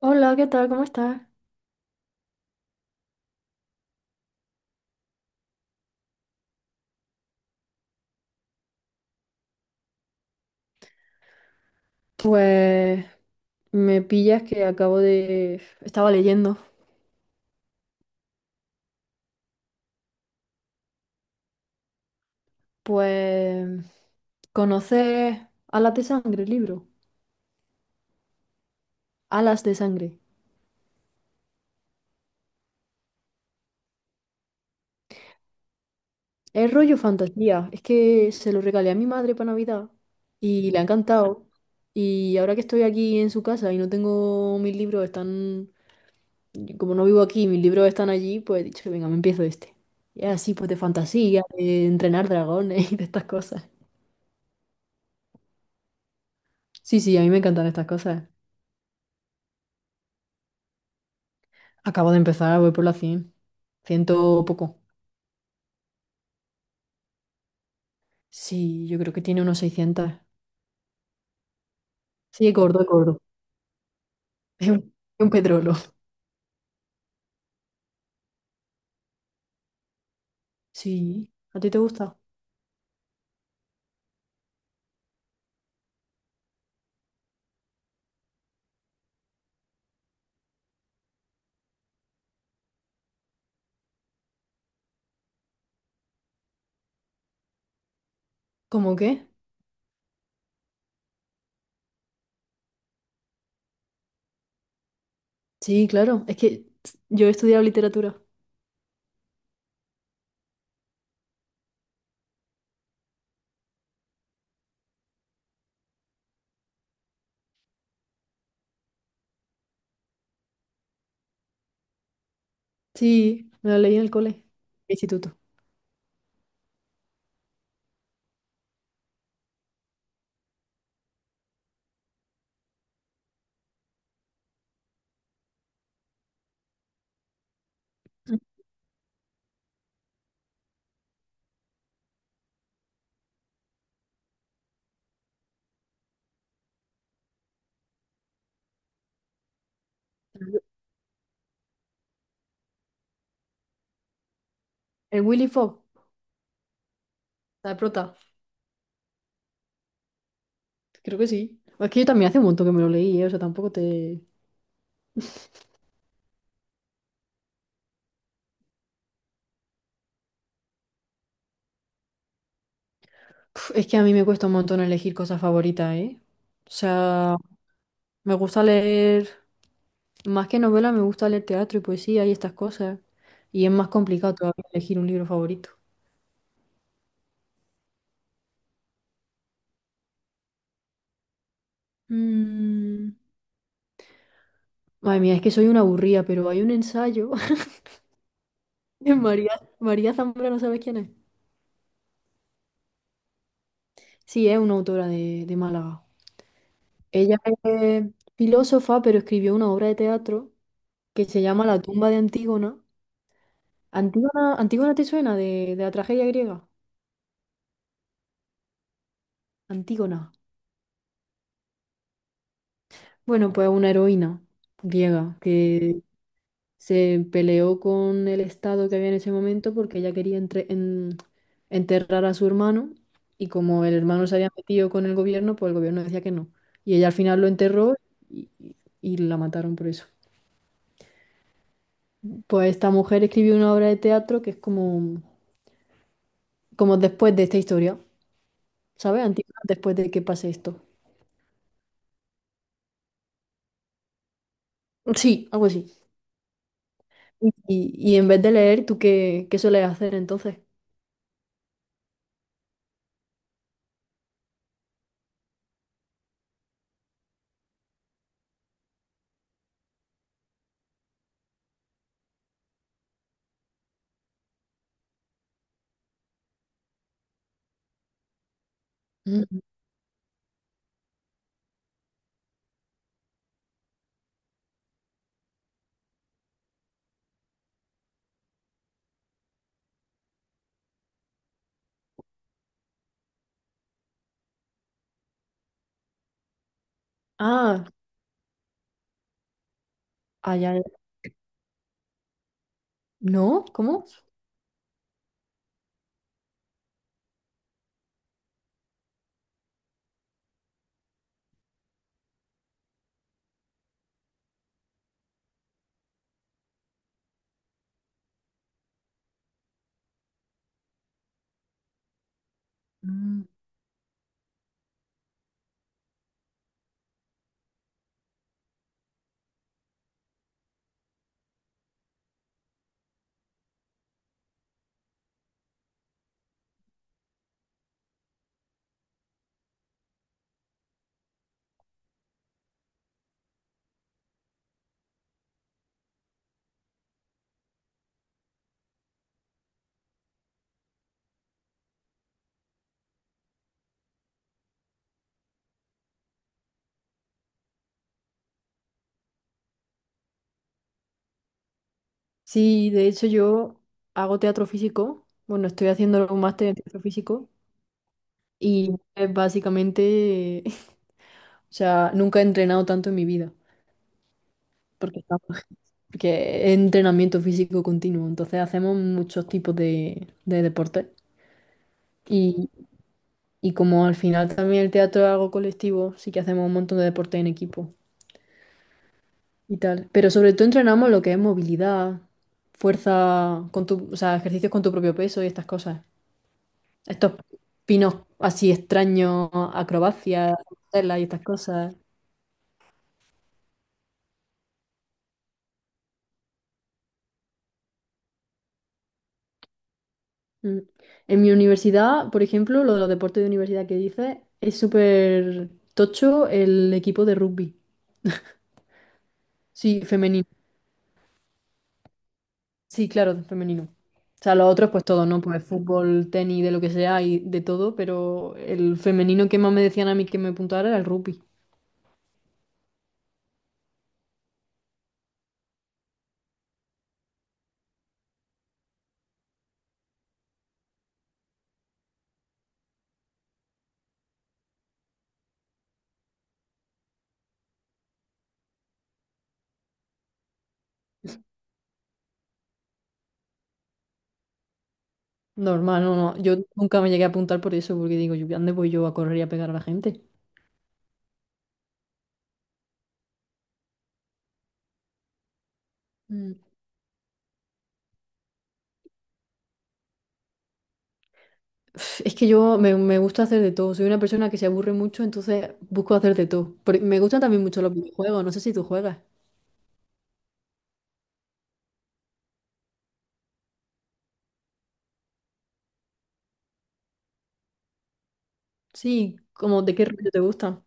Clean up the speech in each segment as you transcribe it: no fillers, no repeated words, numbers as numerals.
Hola, ¿qué tal? ¿Cómo estás? Pues me pillas que acabo de... Estaba leyendo. Pues conoces Alas de Sangre, el libro. Alas de Sangre. Es rollo fantasía. Es que se lo regalé a mi madre para Navidad y le ha encantado. Y ahora que estoy aquí en su casa y no tengo mis libros, están... Como no vivo aquí, mis libros están allí, pues he dicho, venga, me empiezo este. Y es así, pues de fantasía, de entrenar dragones y de estas cosas. Sí, sí, a mí me encantan estas cosas. Acabo de empezar, voy por las 100, ciento poco. Sí, yo creo que tiene unos 600. Sí, es gordo, es gordo. Es un, es un petrolo. Sí, ¿a ti te gusta? ¿Cómo qué? Sí, claro. Es que yo he estudiado literatura. Sí, me la leí en el cole, instituto. ¿El Willy Fogg? ¿La de prota? Creo que sí. Es que yo también hace un montón que me lo leí, ¿eh? O sea, tampoco te... Puf, es que a mí me cuesta un montón elegir cosas favoritas, ¿eh? O sea, me gusta leer, más que novela, me gusta leer teatro y poesía y estas cosas. Y es más complicado todavía elegir un libro favorito. Mm, Madre mía, es que soy una aburrida, pero hay un ensayo de María, María Zambrano, ¿sabes quién es? Sí, es una autora de Málaga. Ella es filósofa, pero escribió una obra de teatro que se llama La tumba de Antígona. ¿Antígona, Antígona te suena de la tragedia griega? Antígona. Bueno, pues una heroína griega que se peleó con el Estado que había en ese momento porque ella quería enterrar a su hermano y como el hermano se había metido con el gobierno, pues el gobierno decía que no. Y ella al final lo enterró y la mataron por eso. Pues esta mujer escribió una obra de teatro que es como, como después de esta historia, ¿sabes? Antígona después de que pase esto. Sí, algo así. Y, y en vez de leer, ¿tú qué, qué sueles hacer entonces? Ah, allá. ¿No? ¿Cómo? Mm. Sí, de hecho yo hago teatro físico. Bueno, estoy haciendo un máster en teatro físico y es básicamente, o sea, nunca he entrenado tanto en mi vida porque, estamos- porque es entrenamiento físico continuo. Entonces hacemos muchos tipos de deportes y, y como al final también el teatro es algo colectivo, sí que hacemos un montón de deportes en equipo, y tal. Pero sobre todo entrenamos lo que es movilidad, fuerza con tu, o sea, ejercicios con tu propio peso y estas cosas. Estos pinos así extraños, acrobacias, telas y estas cosas. Mm. En mi universidad, por ejemplo, lo de los deportes de universidad que dices, es súper tocho el equipo de rugby. Sí, femenino. Sí, claro, femenino. O sea, los otros pues todo, ¿no? Pues fútbol, tenis, de lo que sea y de todo, pero el femenino que más me decían a mí que me apuntara era el rugby. Normal, no, no. Yo nunca me llegué a apuntar por eso, porque digo, yo, ¿dónde voy yo a correr y a pegar a la gente? Mm. Uf, es que yo me gusta hacer de todo. Soy una persona que se aburre mucho, entonces busco hacer de todo. Pero me gustan también mucho los videojuegos, no sé si tú juegas. Sí, como de qué rollo te gustan.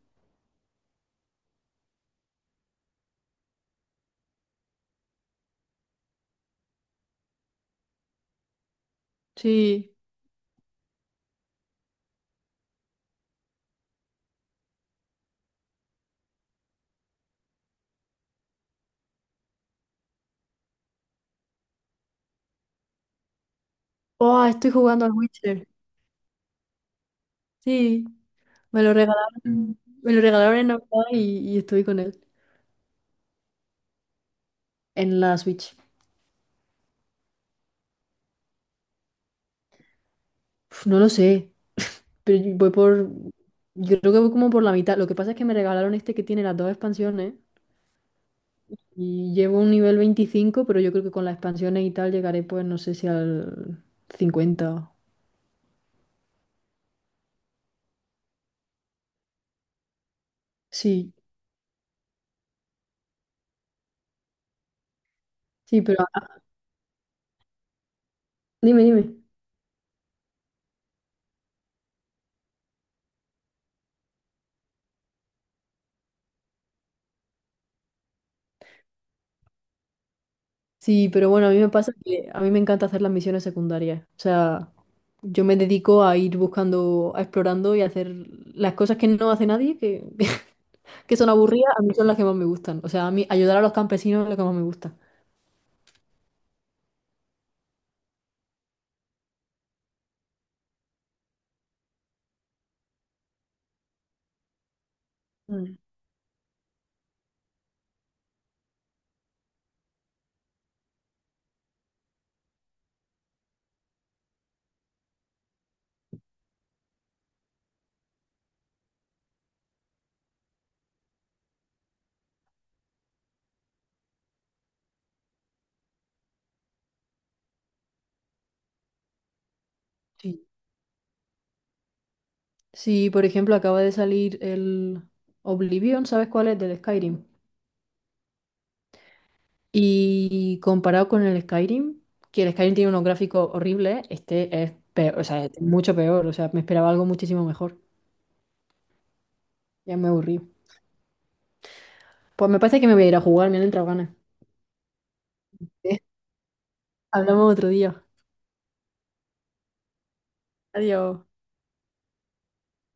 Sí. Oh, estoy jugando al Witcher. Sí. Me lo regalaron en Navidad y estoy con él. En la Switch. Uf, no lo sé, pero yo voy por... Yo creo que voy como por la mitad. Lo que pasa es que me regalaron este que tiene las dos expansiones y llevo un nivel 25 pero yo creo que con las expansiones y tal llegaré pues no sé si al 50. Sí, sí, pero... ah, dime. Sí, pero bueno, a mí me pasa que a mí me encanta hacer las misiones secundarias. O sea, yo me dedico a ir buscando, a explorando y a hacer las cosas que no hace nadie, que que son aburridas, a mí son las que más me gustan. O sea, a mí ayudar a los campesinos es lo que más me gusta. Mm. Sí. Sí, por ejemplo, acaba de salir el Oblivion, ¿sabes cuál es? Del Skyrim. Y comparado con el Skyrim, que el Skyrim tiene unos gráficos horribles, este es peor, o sea, es mucho peor. O sea, me esperaba algo muchísimo mejor. Ya me aburrí. Pues me parece que me voy a ir a jugar, me han entrado ganas. Hablamos otro día. Adiós.